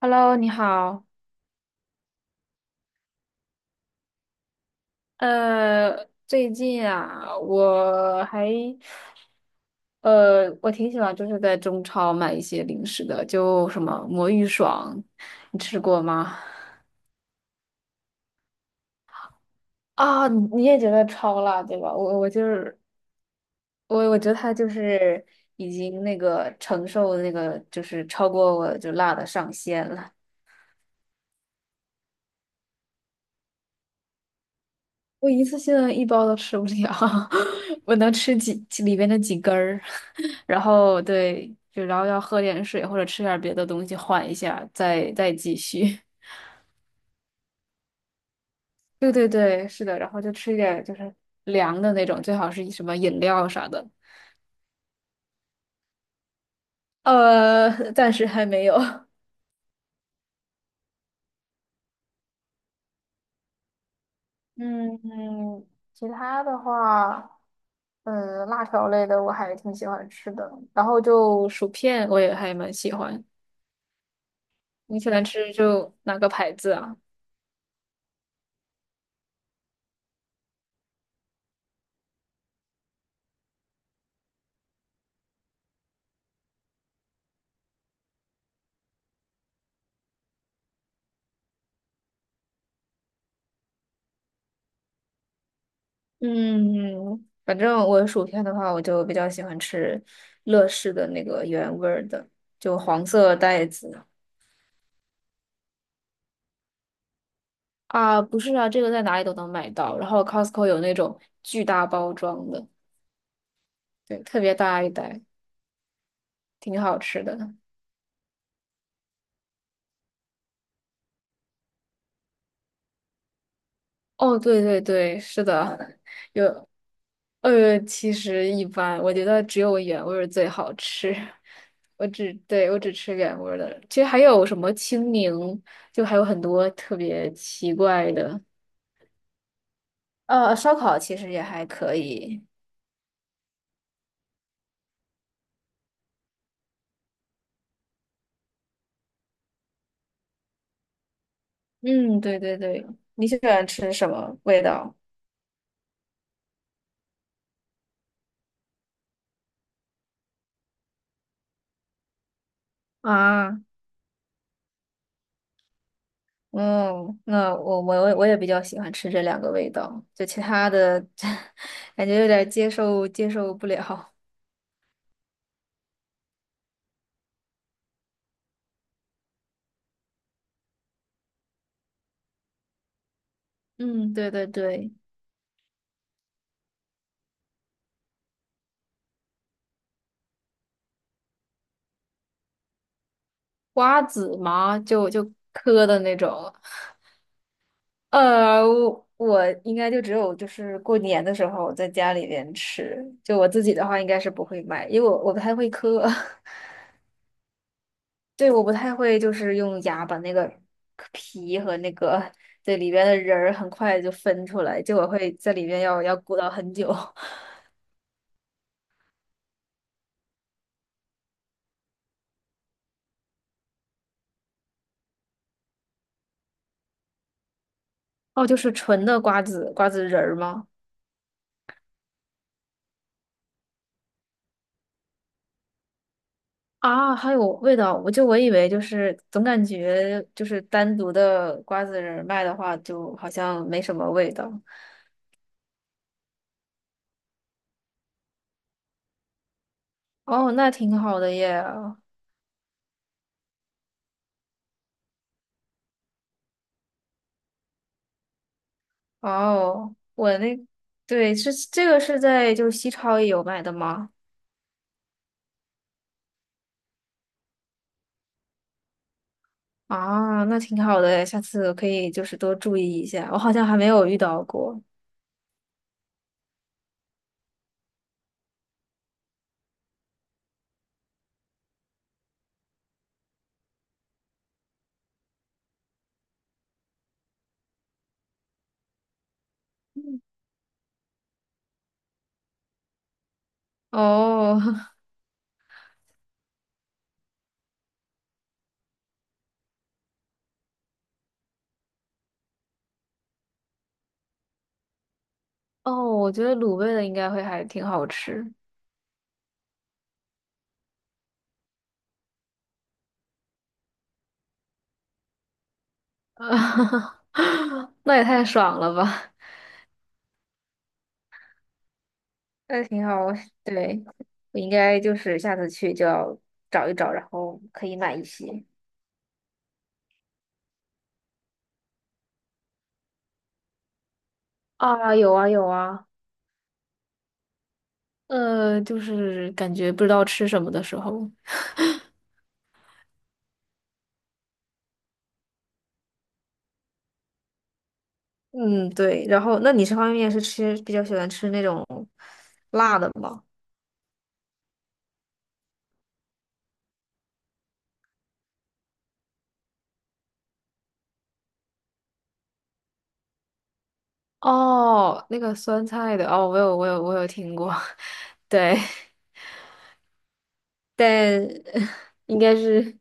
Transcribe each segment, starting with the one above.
Hello，你好。最近啊，我挺喜欢就是在中超买一些零食的，就什么魔芋爽，你吃过吗？啊，你也觉得超辣，对吧？我觉得它就是已经那个承受那个就是超过我就辣的上限了。我一次性的一包都吃不了，我能吃几里边的几根儿，然后对，就然后要喝点水或者吃点别的东西缓一下，再继续。对对对，是的，然后就吃一点就是凉的那种，最好是什么饮料啥的。暂时还没有。嗯嗯，其他的话，辣条类的我还挺喜欢吃的。然后就薯片我也还蛮喜欢，你喜欢吃就哪个牌子啊？嗯，反正我薯片的话，我就比较喜欢吃乐事的那个原味儿的，就黄色袋子。啊，不是啊，这个在哪里都能买到。然后 Costco 有那种巨大包装的，对，特别大一袋，挺好吃的。哦，对对对，是的，有其实一般，我觉得只有原味儿最好吃。我只吃原味儿的，其实还有什么青柠，就还有很多特别奇怪的。烧烤其实也还可以。嗯，对对对，你喜欢吃什么味道？啊，嗯，那我也比较喜欢吃这两个味道，就其他的 感觉有点接受不了。嗯，对对对，瓜子嘛，就嗑的那种。我应该就只有就是过年的时候在家里边吃，就我自己的话应该是不会买，因为我不太会嗑。对，我不太会，就是用牙把那个皮和那个，对，里边的仁儿很快就分出来，就我会在里边要鼓捣很久。哦，就是纯的瓜子仁儿吗？啊，还有味道，我以为就是总感觉就是单独的瓜子仁儿卖的话，就好像没什么味道。哦，那挺好的耶。哦，对，是这个，是在就是西超也有卖的吗？啊，那挺好的诶，下次可以就是多注意一下。我好像还没有遇到过。哦 哦，我觉得卤味的应该会还挺好吃。那也太爽了吧！那挺好，对，我应该就是下次去就要找一找，然后可以买一些。啊，有啊有啊，就是感觉不知道吃什么的时候。嗯，对。然后，那你这方面是吃比较喜欢吃那种辣的吗？哦，那个酸菜的，哦，我有听过，对，但 应该是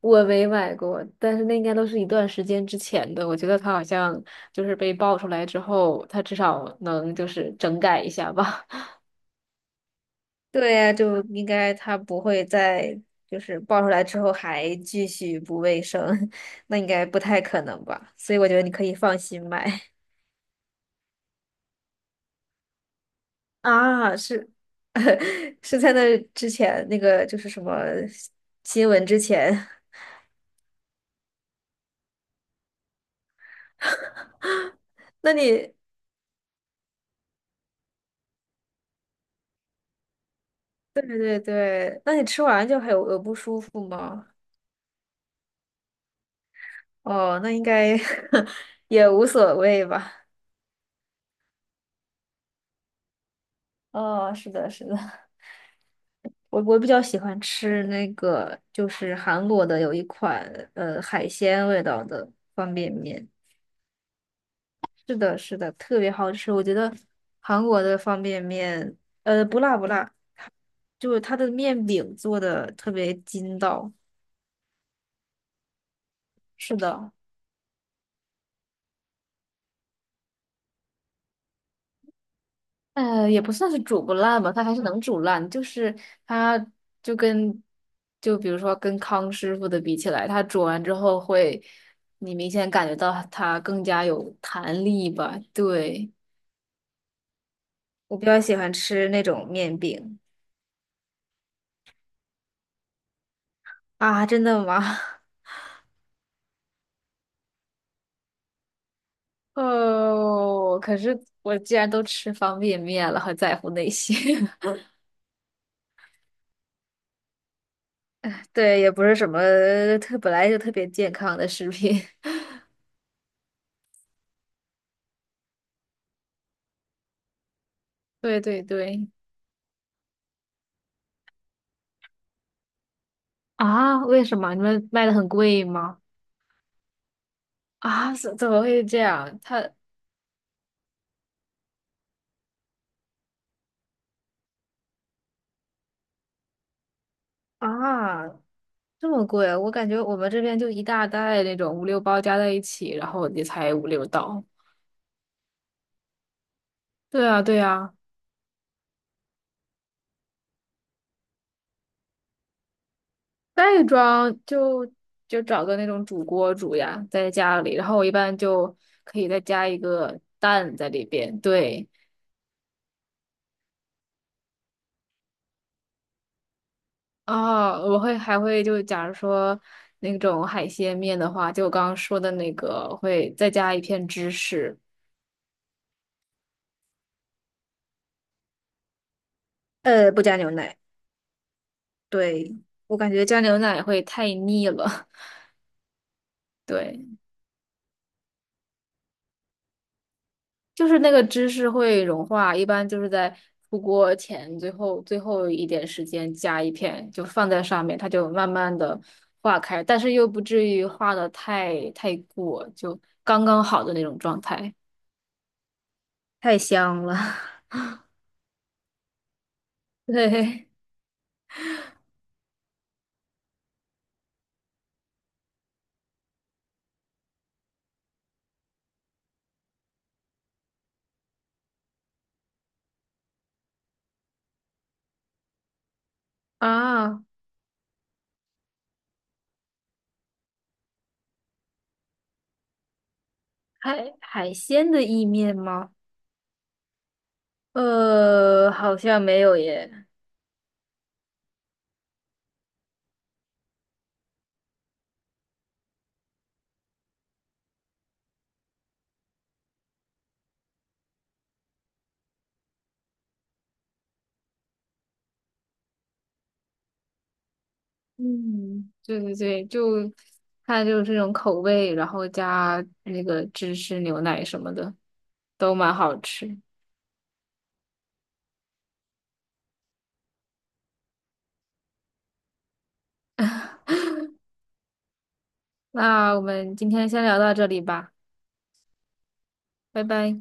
我没买过，但是那应该都是一段时间之前的。我觉得它好像就是被爆出来之后，它至少能就是整改一下吧。对呀，就应该它不会再就是爆出来之后还继续不卫生，那应该不太可能吧？所以我觉得你可以放心买。啊，是 是在那之前那个就是什么新闻之前。那你对对对，那你吃完就还有不舒服吗？哦，那应该 也无所谓吧。哦，是的，是的，我比较喜欢吃那个就是韩国的有一款海鲜味道的方便面，是的，是的，特别好吃，我觉得韩国的方便面不辣不辣。就是它的面饼做的特别筋道。是的，也不算是煮不烂吧，它还是能煮烂，就是它就跟就比如说跟康师傅的比起来，它煮完之后，会，你明显感觉到它更加有弹力吧？对，我比较喜欢吃那种面饼。啊，真的吗？哦，可是我既然都吃方便面了，还在乎那些？对，也不是什么本来就特别健康的食品。对对对。啊？为什么你们卖的很贵吗？啊，怎么会这样？啊这么贵，我感觉我们这边就一大袋那种五六包加在一起，然后也才五六刀。对啊对啊，袋装就找个那种煮锅煮呀，在家里，然后我一般就可以再加一个蛋在里边。对。啊，还会就假如说那种海鲜面的话，就我刚刚说的那个，会再加一片芝士。不加牛奶。对，我感觉加牛奶会太腻了。对，就是那个芝士会融化，一般就是在出锅前最后一点时间加一片，就放在上面，它就慢慢的化开，但是又不至于化的太过，就刚刚好的那种状态。太香了。对啊，海鲜的意面吗？好像没有耶。嗯，对对对，就它就是这种口味，然后加那个芝士牛奶什么的，都蛮好吃。那我们今天先聊到这里吧，拜拜。